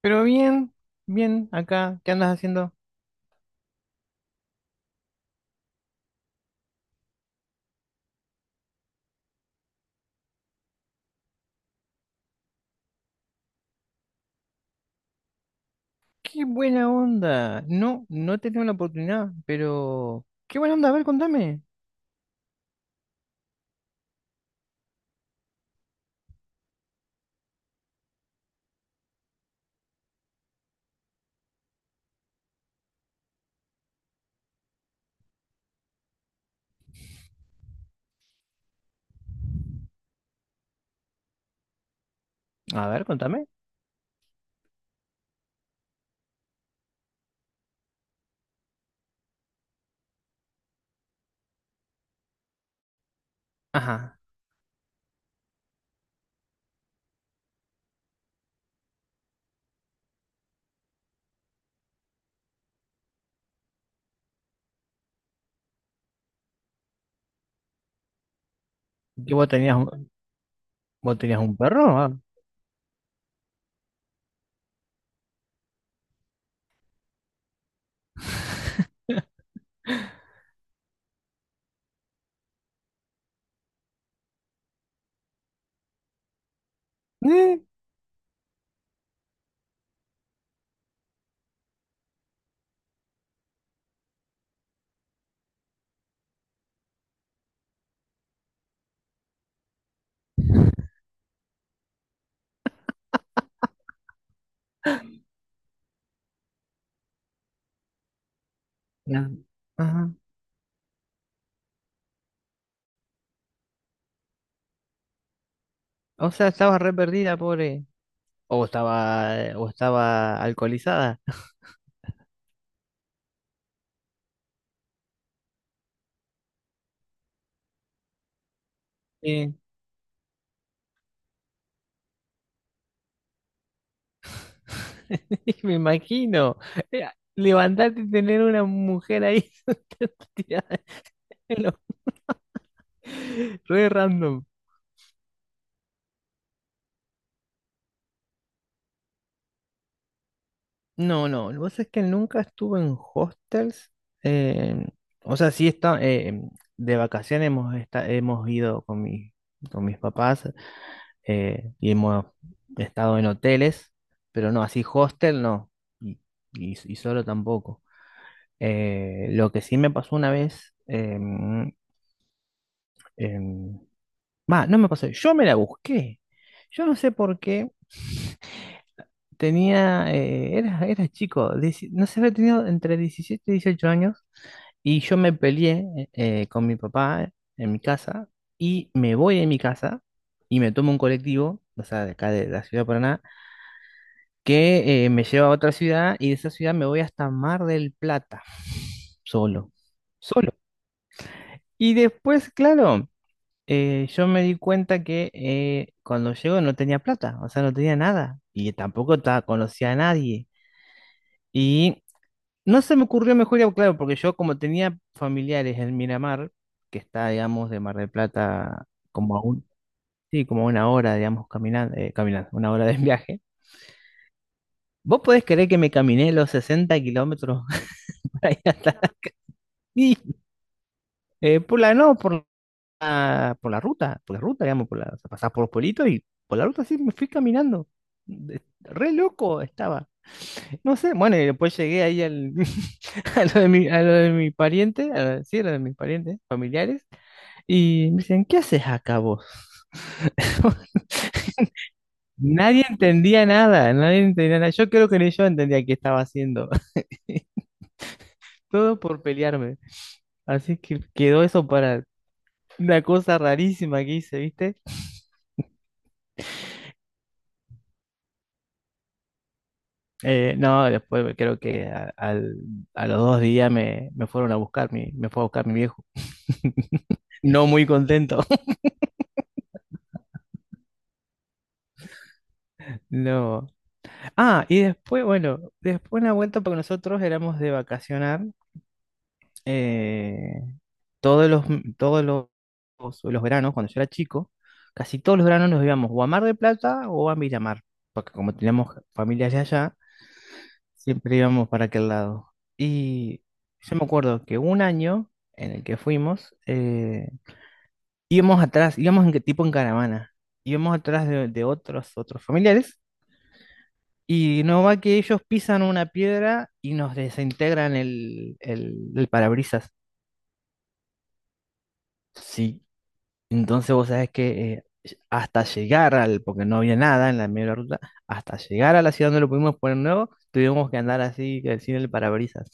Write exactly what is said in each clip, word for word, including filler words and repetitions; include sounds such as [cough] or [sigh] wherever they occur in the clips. Pero bien, bien, acá, ¿qué andas haciendo? ¡Qué buena onda! No, no he tenido la oportunidad, pero... ¡qué buena onda! A ver, contame. A ver, contame. Ajá. que vos tenías un, ¿Vos tenías un perro? Ah. ¿Eh? No. Ajá. O sea, estabas re perdida, pobre. O estaba, o estaba alcoholizada. Eh, [laughs] me imagino. Eh, Levantarte y tener una mujer ahí [laughs] tirada en lo- re random. No, no, lo que pasa es que nunca estuve en hostels. eh, o sea, sí está, eh, de vacaciones hemos, esta- hemos ido con, mi- con mis papás, eh, y hemos estado en hoteles, pero no, así hostel no, y, y, y solo tampoco. Eh, lo que sí me pasó una vez, em, em, va, no me pasó, yo me la busqué. Yo no sé por qué tenía, eh, era, era chico. Dieci- no sé, había tenido entre diecisiete y dieciocho años. Y yo me peleé eh, con mi papá en mi casa, y me voy de mi casa y me tomo un colectivo, o sea, de acá de la ciudad de Paraná, que eh, me lleva a otra ciudad, y de esa ciudad me voy hasta Mar del Plata, solo, solo. Y después, claro, eh, yo me di cuenta que eh, cuando llego no tenía plata, o sea, no tenía nada y tampoco ta- conocía a nadie. Y no se me ocurrió mejor, ya, claro, porque yo como tenía familiares en Miramar, que está, digamos, de Mar del Plata como a un, sí, como a una hora, digamos, caminando, eh, caminando, una hora de viaje. ¿Vos podés creer que me caminé los sesenta kilómetros [laughs] para ir hasta ahí? Eh, por la, no, por la, por la ruta, por la ruta, digamos, por la, o sea, pasás por los pueblitos, y por la ruta sí me fui caminando. De- Re loco estaba. No sé, bueno, y después llegué ahí al, [laughs] a lo de mi, a lo de mi pariente, a, sí, a lo de mis parientes, familiares. Y me dicen, ¿qué haces acá vos? [laughs] Nadie entendía nada, nadie entendía nada. Yo creo que ni yo entendía qué estaba haciendo. [laughs] Todo por pelearme. Así que quedó eso para una cosa rarísima que hice, ¿viste? Eh, no, después creo que a, al- a los dos días me, me fueron a buscar, mi, me fue a buscar mi viejo. [laughs] No muy contento. [laughs] No. Ah, y después, bueno, después una vuelta porque nosotros éramos de vacacionar. eh, todos los, mm, todos los, los veranos, cuando yo era chico, casi todos los veranos nos íbamos o a Mar del Plata o a Miramar, porque como teníamos familias de allá, siempre íbamos para aquel lado. Y yo me acuerdo que un año en el que fuimos, eh, íbamos atrás, íbamos en que- tipo en caravana, íbamos atrás de, de otros, otros familiares. Y no va que ellos pisan una piedra y nos desintegran el, el, el parabrisas. Sí, entonces vos sabés que eh, hasta llegar al, porque no había nada en la media de la ruta, hasta llegar a la ciudad donde lo pudimos poner nuevo, tuvimos que andar así, que sin el parabrisas.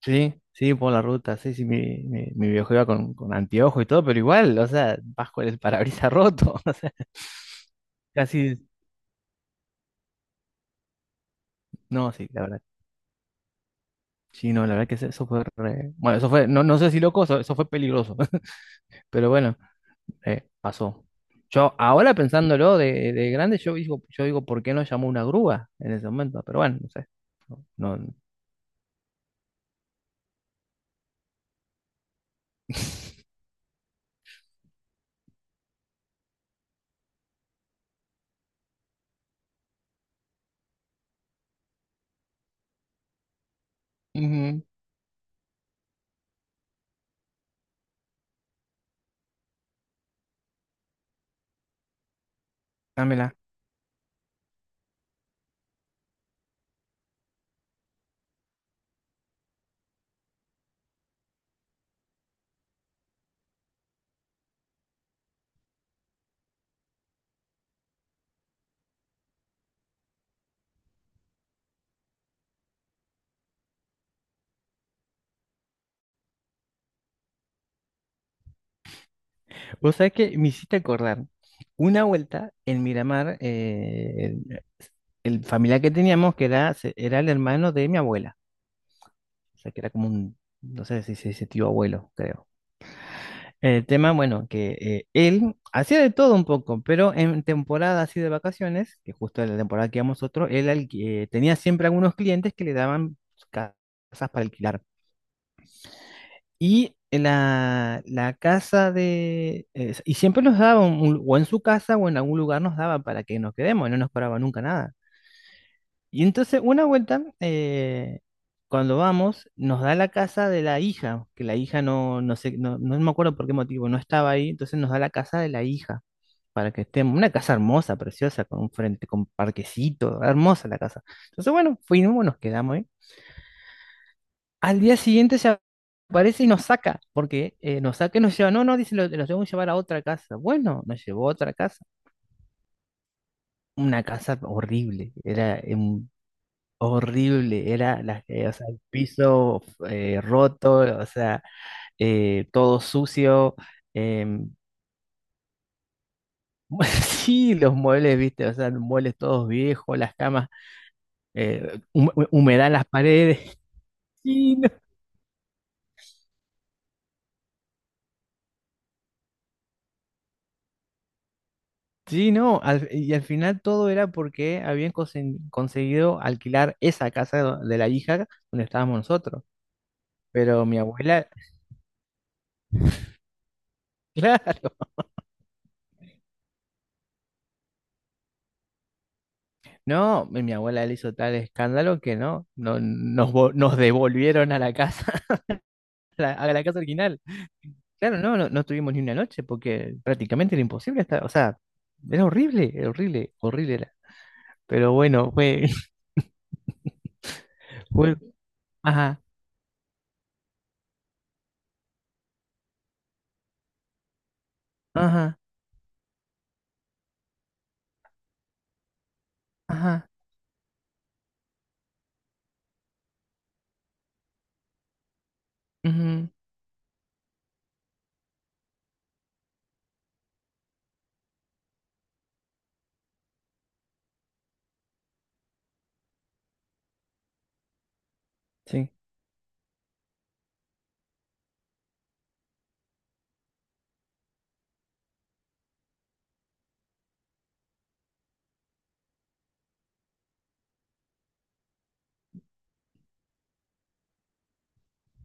Sí, sí, por la ruta, sí, sí, mi, mi, mi viejo iba con, con, anteojos y todo, pero igual, o sea, vas con el parabrisas roto, [laughs] o sea, casi, no, sí, la verdad. Sí, no, la verdad que eso eso fue re- Bueno, eso fue, no, no sé si loco, eso, eso fue peligroso, [laughs] pero bueno. Eh, pasó. Yo ahora pensándolo de, de grande, yo digo, yo digo, ¿por qué no llamó una grúa en ese momento? Pero bueno, no sé. No, no. Ujú, dámela. Vos sabés que me hiciste acordar. Una vuelta en Miramar, eh, el, el familiar que teníamos, que era, se- era el hermano de mi abuela. O sea, que era como un, no sé si se dice tío abuelo, creo. El tema, bueno, que eh, él hacía de todo un poco, pero en temporada así de vacaciones, que justo en la temporada que íbamos nosotros, él alqui- eh, tenía siempre algunos clientes que le daban ca- casas para alquilar. Y la, la casa de... eh, Y siempre nos daba, un- un- o en su casa o en algún lugar nos daba para que nos quedemos, no nos cobraba nunca nada. Y entonces una vuelta, eh, cuando vamos, nos da la casa de la hija, que la hija no, no sé, no, no me acuerdo por qué motivo, no estaba ahí, entonces nos da la casa de la hija, para que estemos, una casa hermosa, preciosa, con un frente, con parquecito, hermosa la casa. Entonces, bueno, fuimos, nos quedamos ahí. Al día siguiente se aparece y nos saca, porque eh, nos saca y nos lleva, no, no, dice, lo- los tengo que llevar a otra casa. Bueno, nos llevó a otra casa, una casa horrible, era eh, horrible, era la, eh, o sea, el piso eh, roto, o sea, eh, todo sucio. em, [laughs] sí, los muebles, viste, o sea, los muebles todos viejos, las camas, eh, hum- humedad en las paredes. [laughs] Sí, no, sí, no, al- y al final todo era porque habían consen- conseguido alquilar esa casa do- de la hija donde estábamos nosotros. Pero mi abuela, [laughs] claro, no, mi mi abuela le hizo tal escándalo que no, no nos, vo- nos devolvieron a la casa. A la- a la casa original. Claro, no, no, no tuvimos ni una noche porque prácticamente era imposible estar, o sea, era horrible, era horrible, horrible era. Pero bueno, fue, [laughs] fue, ajá, ajá, ajá, ujú, sí,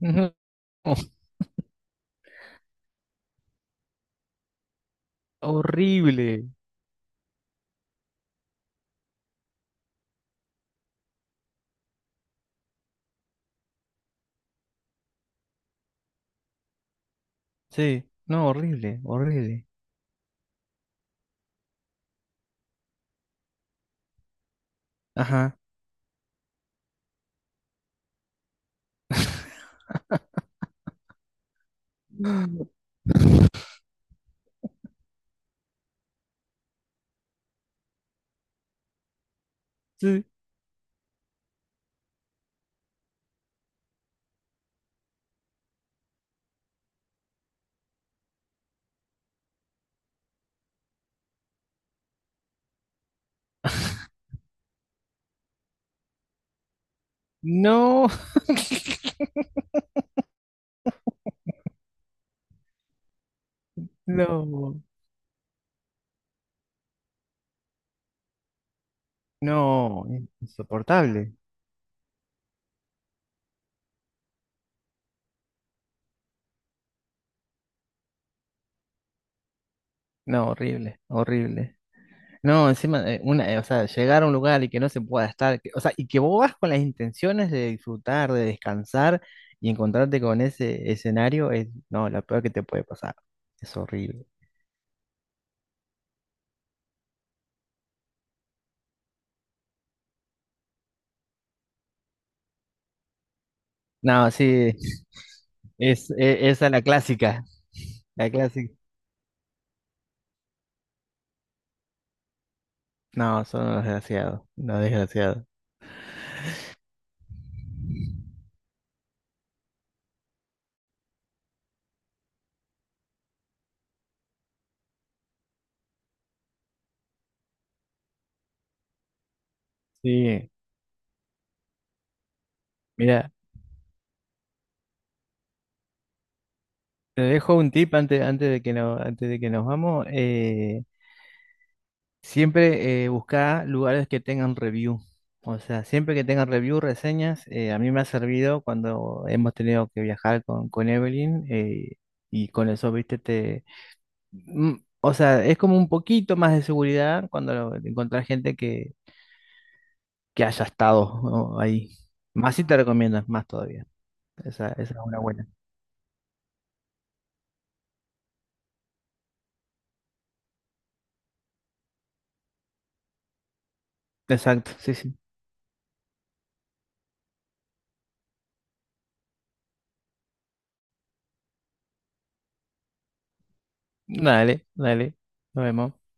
ujú, [laughs] horrible, sí, no, horrible, horrible, ajá, [gasps] sí, no, [laughs] no, no, insoportable, no, horrible, horrible. No, encima, eh, una, eh, o sea, llegar a un lugar y que no se pueda estar, que, o sea, y que vos vas con las intenciones de disfrutar, de descansar, y encontrarte con ese escenario es, no, lo peor que te puede pasar. Es horrible. No, sí, es, e- esa es la clásica, la clásica. No, son unos desgraciados, unos desgraciados. Sí, mira, te dejo un tip antes, antes de que no, antes de que nos vamos. eh, Siempre eh, busca lugares que tengan review. O sea, siempre que tengan review, reseñas, eh, a mí me ha servido cuando hemos tenido que viajar con, con, Evelyn, eh, y con eso, viste, te... mm, O sea, es como un poquito más de seguridad cuando lo- encontrás gente que, que haya estado, ¿no?, ahí. Más si te recomiendas, más todavía. Esa, esa es una buena. Exacto, sí, sí. Dale, dale. Nos vemos.